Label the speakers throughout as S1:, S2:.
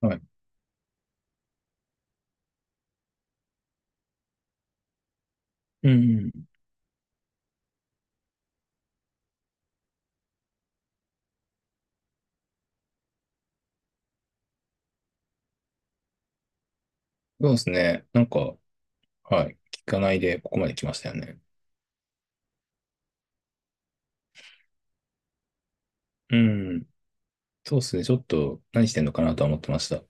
S1: はい。うん。そうですね。なんか、はい。聞かないでここまで来ましたよね。うん。そうですね。ちょっと何してんのかなとは思ってました。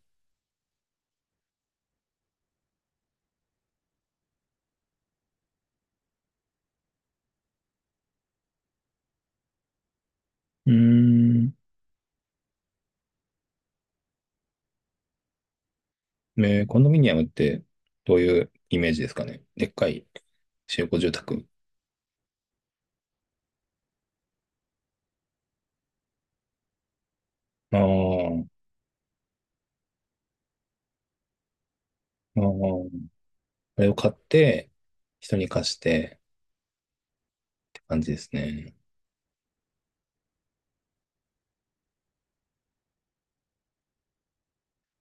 S1: うん。コンドミニアムってどういうイメージですかね。でっかい集合住宅。ああ、ああ。あれを買って、人に貸してって感じですね。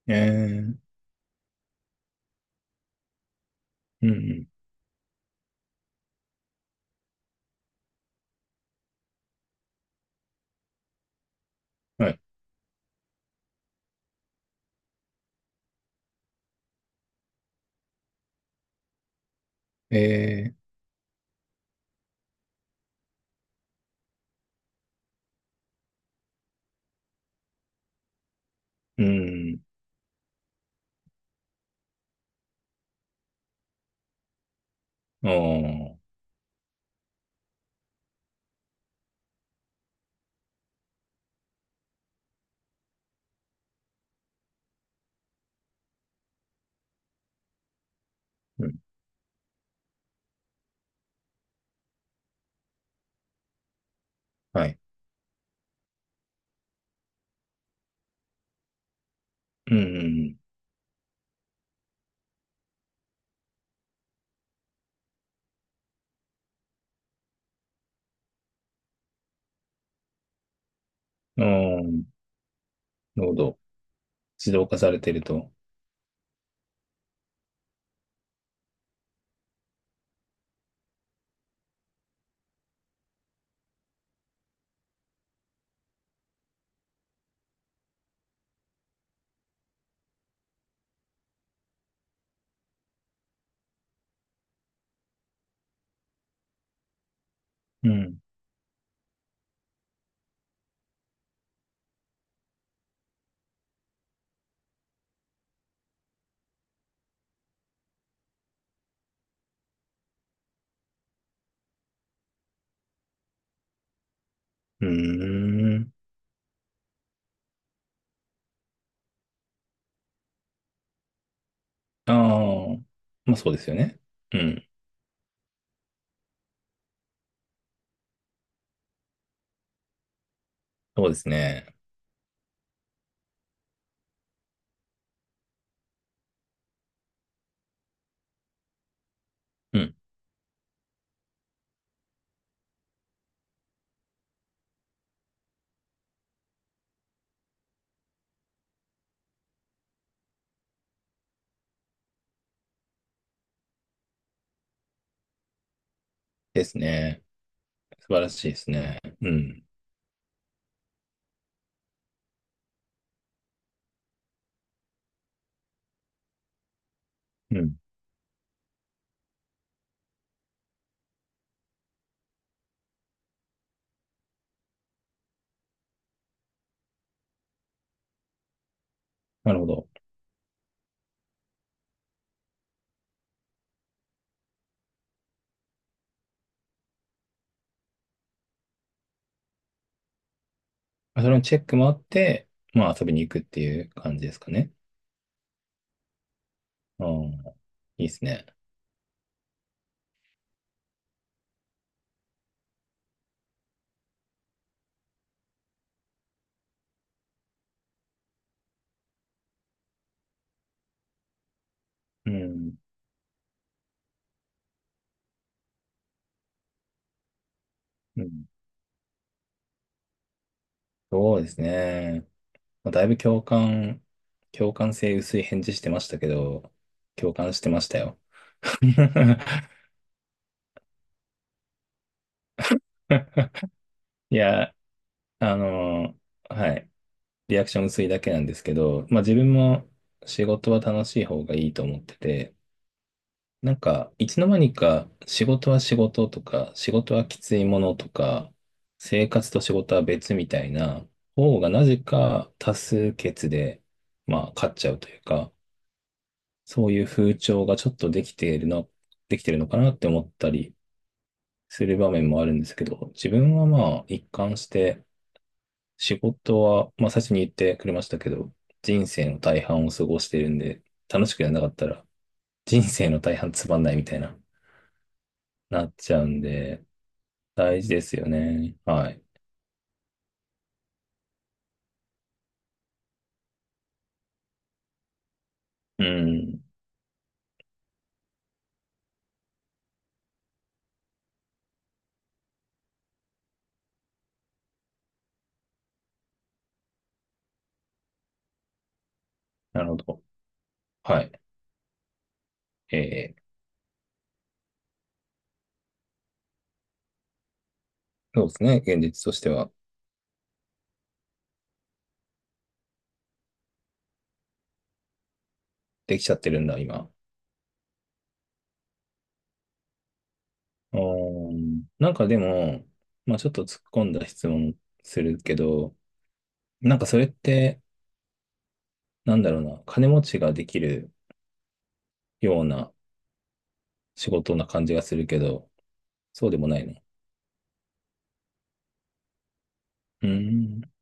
S1: ええうん、うん。はい。ええうん。ああ、うん。はい。うん、うん。ああ、なるほど。自動化されてると。うん。うーん。ああ、まあそうですよね。うん。そうですね。うん。ですね。素晴らしいですね。うん。うん。なるほど。それのチェックもあって、まあ遊びに行くっていう感じですかね。ああ、いいですね。うん。うん。そうですね。まあ、だいぶ共感、共感性薄い返事してましたけど、共感してましたよ。いや、あのはい。リアクション薄いだけなんですけど、まあ自分も仕事は楽しい方がいいと思ってて、なんか、いつの間にか仕事は仕事とか、仕事はきついものとか、生活と仕事は別みたいな方がなぜか多数決で、まあ勝っちゃうというか、そういう風潮がちょっとできているの、できてるのかなって思ったりする場面もあるんですけど、自分はまあ一貫して仕事は、まあ最初に言ってくれましたけど、人生の大半を過ごしてるんで、楽しくやんなかったら、人生の大半つまんないみたいな、なっちゃうんで、大事ですよね。はい。うん。なるほど。はい。えー、そうですね。現実としては、できちゃってるんだ、今。うーん。なんかでも、まあちょっと突っ込んだ質問するけど、なんかそれって、なんだろうな、金持ちができるような仕事な感じがするけど、そうでもないのうーん。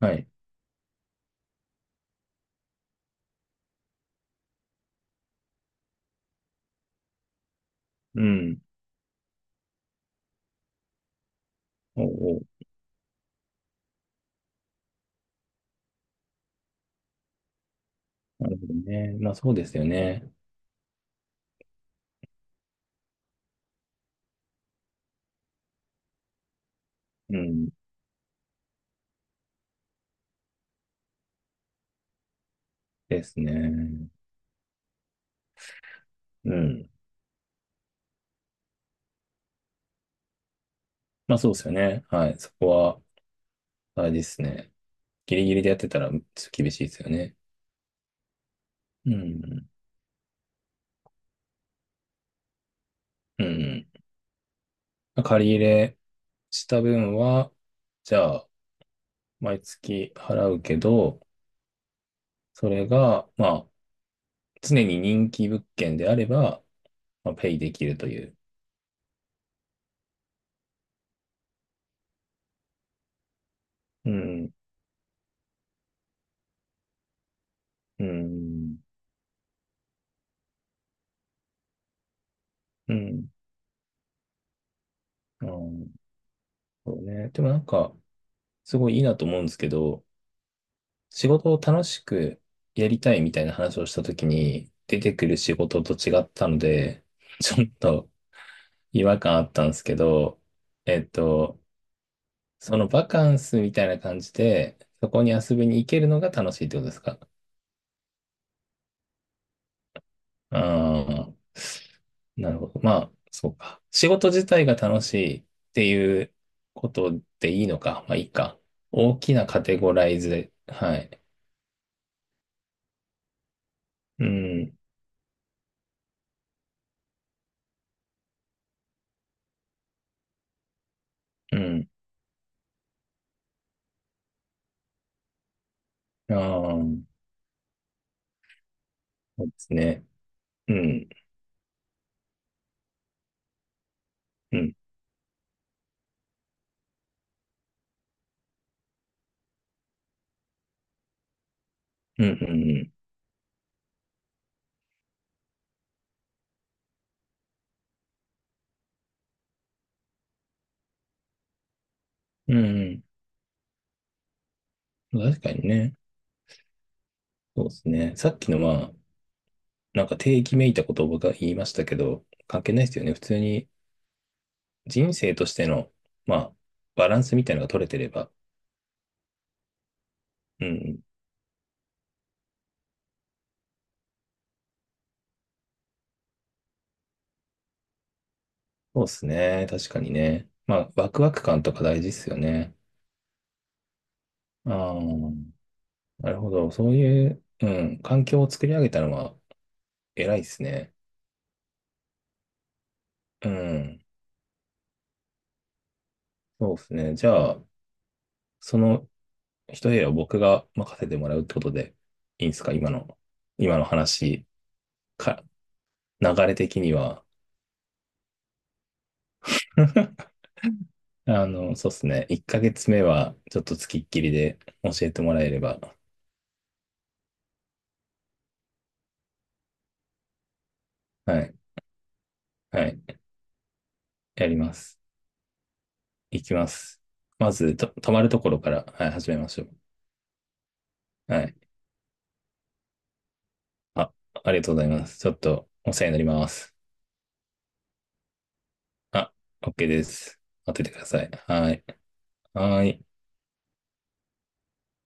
S1: はい。うん。おうおう。なるほどね。まあそうですよね。うん。ですね。うん。まあそうですよね。はい。そこは、あれですね。ギリギリでやってたら、ちょっと厳しいですよね。うん。うん。ま借り入れした分は、じゃあ、毎月払うけど、それが、まあ、常に人気物件であれば、まあ、ペイできるという。うん。うん。うん。あーそうね。でもなんか、すごいいいなと思うんですけど、仕事を楽しくやりたいみたいな話をしたときに、出てくる仕事と違ったので、ちょっと違和感あったんですけど、えっと、そのバカンスみたいな感じで、そこに遊びに行けるのが楽しいってことですかああなるほど。まあ、そうか。仕事自体が楽しいっていうことでいいのか。まあ、いいか。大きなカテゴライズで、はい。うん、うん。ああ。そうですね。うん、うん、うん、うん、うん、うんうん。確かにね。そうですね。さっきのまあ、なんか定義めいたことを僕が言いましたけど、関係ないですよね。普通に人生としての、まあ、バランスみたいなのが取れてれば。うん、そうですね。確かにね。まあ、ワクワク感とか大事ですよね。ああ、なるほど。そういう、うん、環境を作り上げたのは偉いですね。うん、そうですね。じゃあ、その一部屋を僕が任せてもらうってことでいいんですか今の、今の話か、流れ的には。あの、そうですね。1ヶ月目はちょっと付きっきりで教えてもらえれば。はい。はい。やります。いきます。まず、泊まるところから、はい、始めましょう。はい。あ、ありがとうございます。ちょっとお世話になります。あ、OK です。待っててください。はい。はい。